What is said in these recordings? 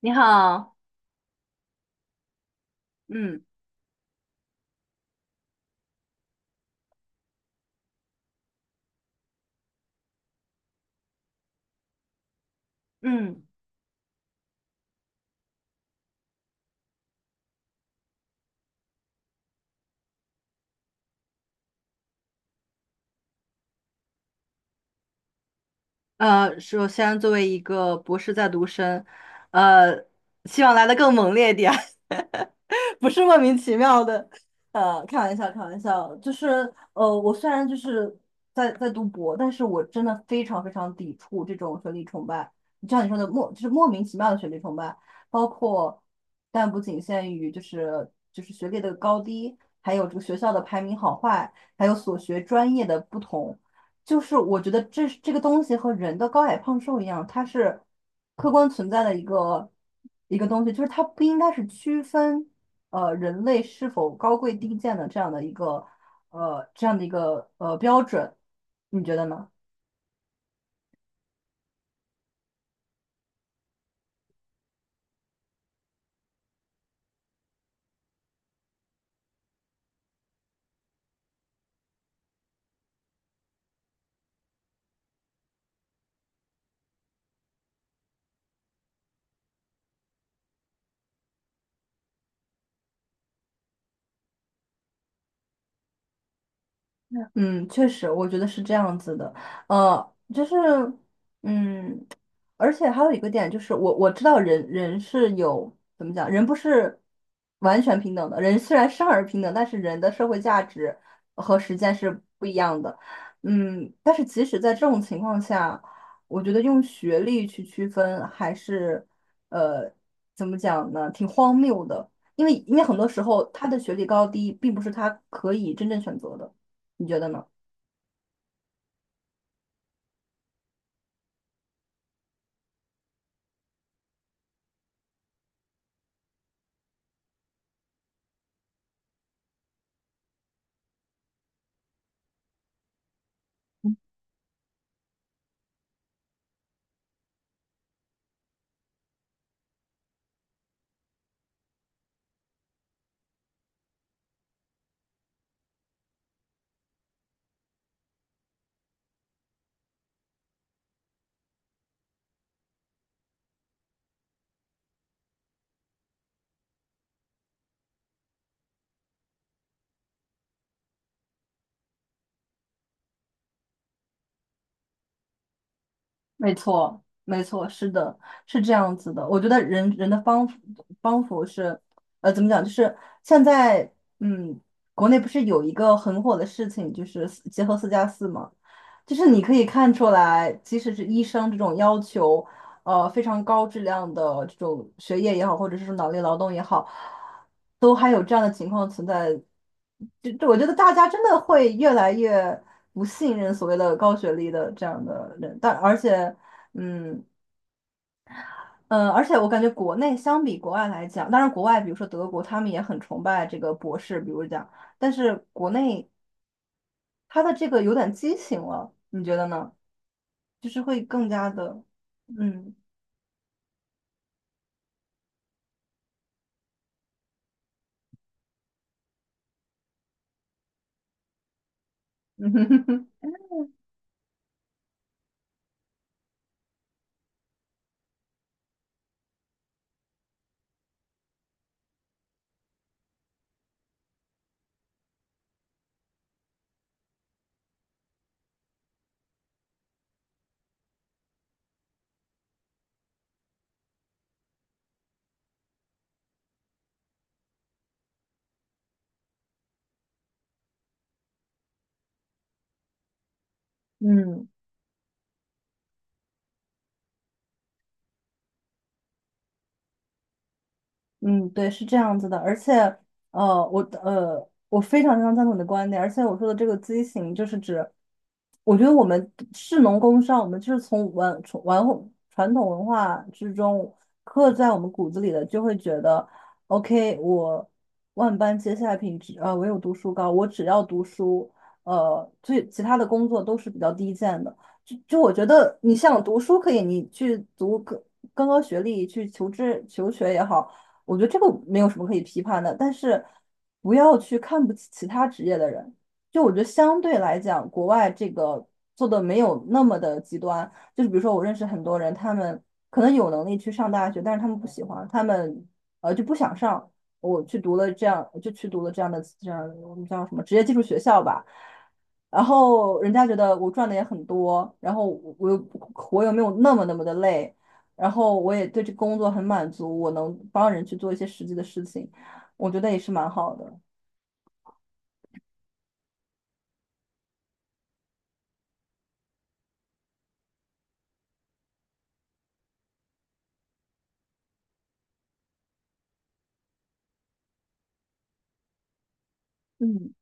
你好。嗯嗯。首先作为一个博士在读生，呃，希望来的更猛烈一点。不是莫名其妙的。开玩笑，开玩笑。就是，我虽然就是在读博，但是我真的非常非常抵触这种学历崇拜，就像你说的莫就是莫名其妙的学历崇拜，包括但不仅限于就是学历的高低，还有这个学校的排名好坏，还有所学专业的不同，就是我觉得这个东西和人的高矮胖瘦一样，它是客观存在的一个东西，就是它不应该是区分。人类是否高贵低贱的这样的一个标准，你觉得呢？嗯，确实，我觉得是这样子的。就是嗯。而且还有一个点就是我知道人是有怎么讲，人不是完全平等的。人虽然生而平等，但是人的社会价值和实践是不一样的。嗯，但是即使在这种情况下，我觉得用学历去区分还是呃怎么讲呢，挺荒谬的。因为很多时候他的学历高低并不是他可以真正选择的，你觉得呢？没错，没错，是的，是这样子的。我觉得人人的帮扶是，怎么讲？就是现在，嗯，国内不是有一个很火的事情，就是四结合四加四嘛，就是你可以看出来，即使是医生这种要求，非常高质量的这种学业也好，或者是说脑力劳动也好，都还有这样的情况存在。就我觉得大家真的会越来越不信任所谓的高学历的这样的人，但而且，嗯。嗯，而且我感觉国内相比国外来讲，当然国外比如说德国，他们也很崇拜这个博士，比如讲，但是国内他的这个有点畸形了，你觉得呢？就是会更加的，嗯 嗯嗯嗯，对，是这样子的，而且，我我非常非常赞同你的观点，而且我说的这个畸形，就是指，我觉得我们士农工商，我们就是从文传统文化之中刻在我们骨子里的，就会觉得，OK，我万般皆下品，唯有读书高，我只要读书，最其他的工作都是比较低贱的。就我觉得，你像读书可以，你去读更高学历去求知求学也好。我觉得这个没有什么可以批判的，但是不要去看不起其他职业的人。就我觉得相对来讲，国外这个做的没有那么的极端。就是比如说，我认识很多人，他们可能有能力去上大学，但是他们不喜欢，他们就不想上。我去读了这样，就去读了这样我们叫什么职业技术学校吧。然后人家觉得我赚的也很多，然后我又没有那么那么的累，然后我也对这工作很满足，我能帮人去做一些实际的事情，我觉得也是蛮好的。嗯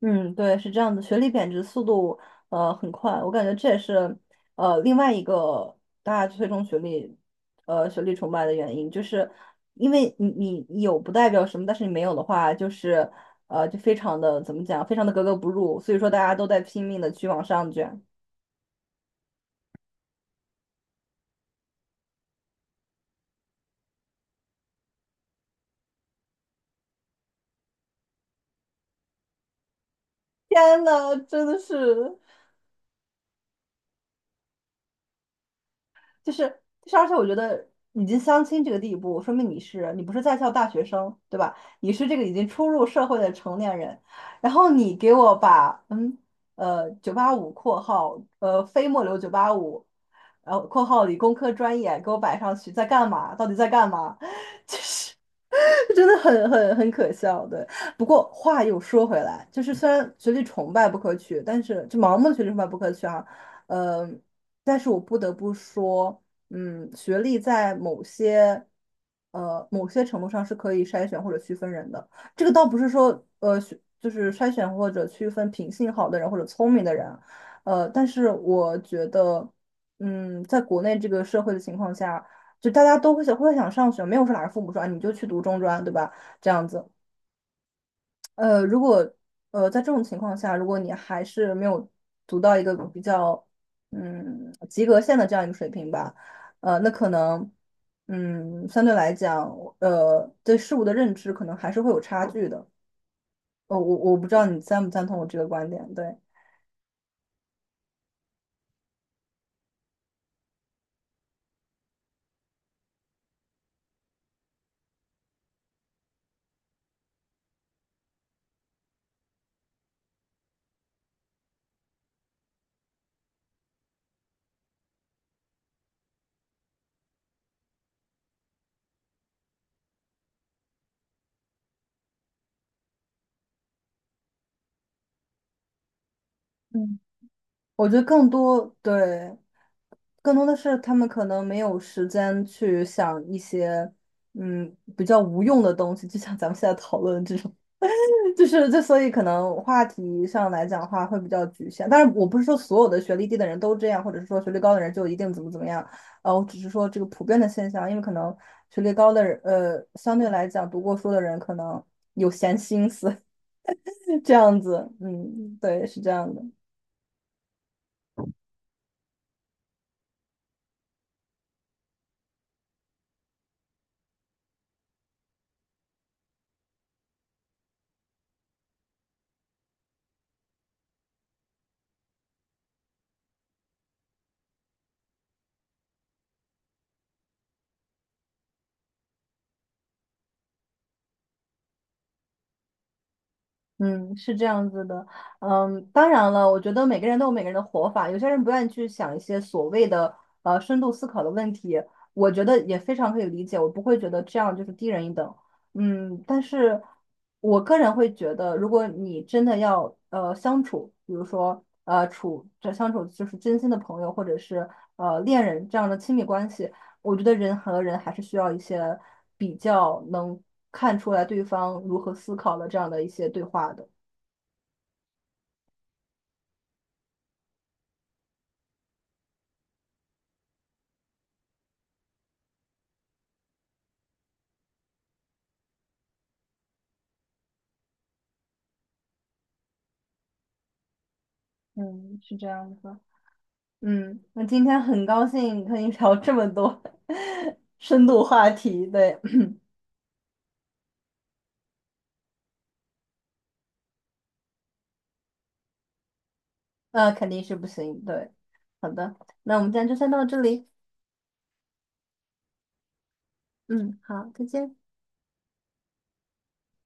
嗯，对，是这样的，学历贬值速度很快，我感觉这也是另外一个大家推崇学历崇拜的原因，就是因为你有不代表什么，但是你没有的话，就是就非常的怎么讲，非常的格格不入，所以说大家都在拼命的去往上卷。天呐，真的是。就是就是，而且我觉得已经相亲这个地步，说明你不是在校大学生，对吧？你是这个已经初入社会的成年人，然后你给我把九八五括号非末流九八五，然后括号理工科专业给我摆上去，在干嘛？到底在干嘛？真的很很很可笑，对。不过话又说回来，就是虽然学历崇拜不可取，但是就盲目的学历崇拜不可取啊，呃，但是我不得不说，嗯，学历在某些某些程度上是可以筛选或者区分人的。这个倒不是说就是筛选或者区分品性好的人或者聪明的人啊，但是我觉得，嗯，在国内这个社会的情况下。就大家都会想上学，没有说哪个父母说啊你就去读中专，对吧？这样子，如果在这种情况下，如果你还是没有读到一个比较及格线的这样一个水平吧，那可能相对来讲，对事物的认知可能还是会有差距的。我不知道你赞不赞同我这个观点，对。嗯。我觉得更多，对，更多的是他们可能没有时间去想一些，比较无用的东西，就像咱们现在讨论这种，就是这，所以可能话题上来讲的话会比较局限。但是我不是说所有的学历低的人都这样，或者是说学历高的人就一定怎么怎么样，我只是说这个普遍的现象，因为可能学历高的人，相对来讲读过书的人可能有闲心思，这样子，嗯，对，是这样的。嗯，是这样子的，嗯，当然了，我觉得每个人都有每个人的活法，有些人不愿意去想一些所谓的深度思考的问题，我觉得也非常可以理解，我不会觉得这样就是低人一等，嗯，但是我个人会觉得，如果你真的要相处，比如说呃处这相处就是真心的朋友或者是恋人这样的亲密关系，我觉得人和人还是需要一些比较能看出来对方如何思考的这样的一些对话的。嗯，是这样子。嗯，那今天很高兴和你聊这么多 深度话题，对，那肯定是不行，对。好的，那我们今天就先到这里。嗯，好，再见。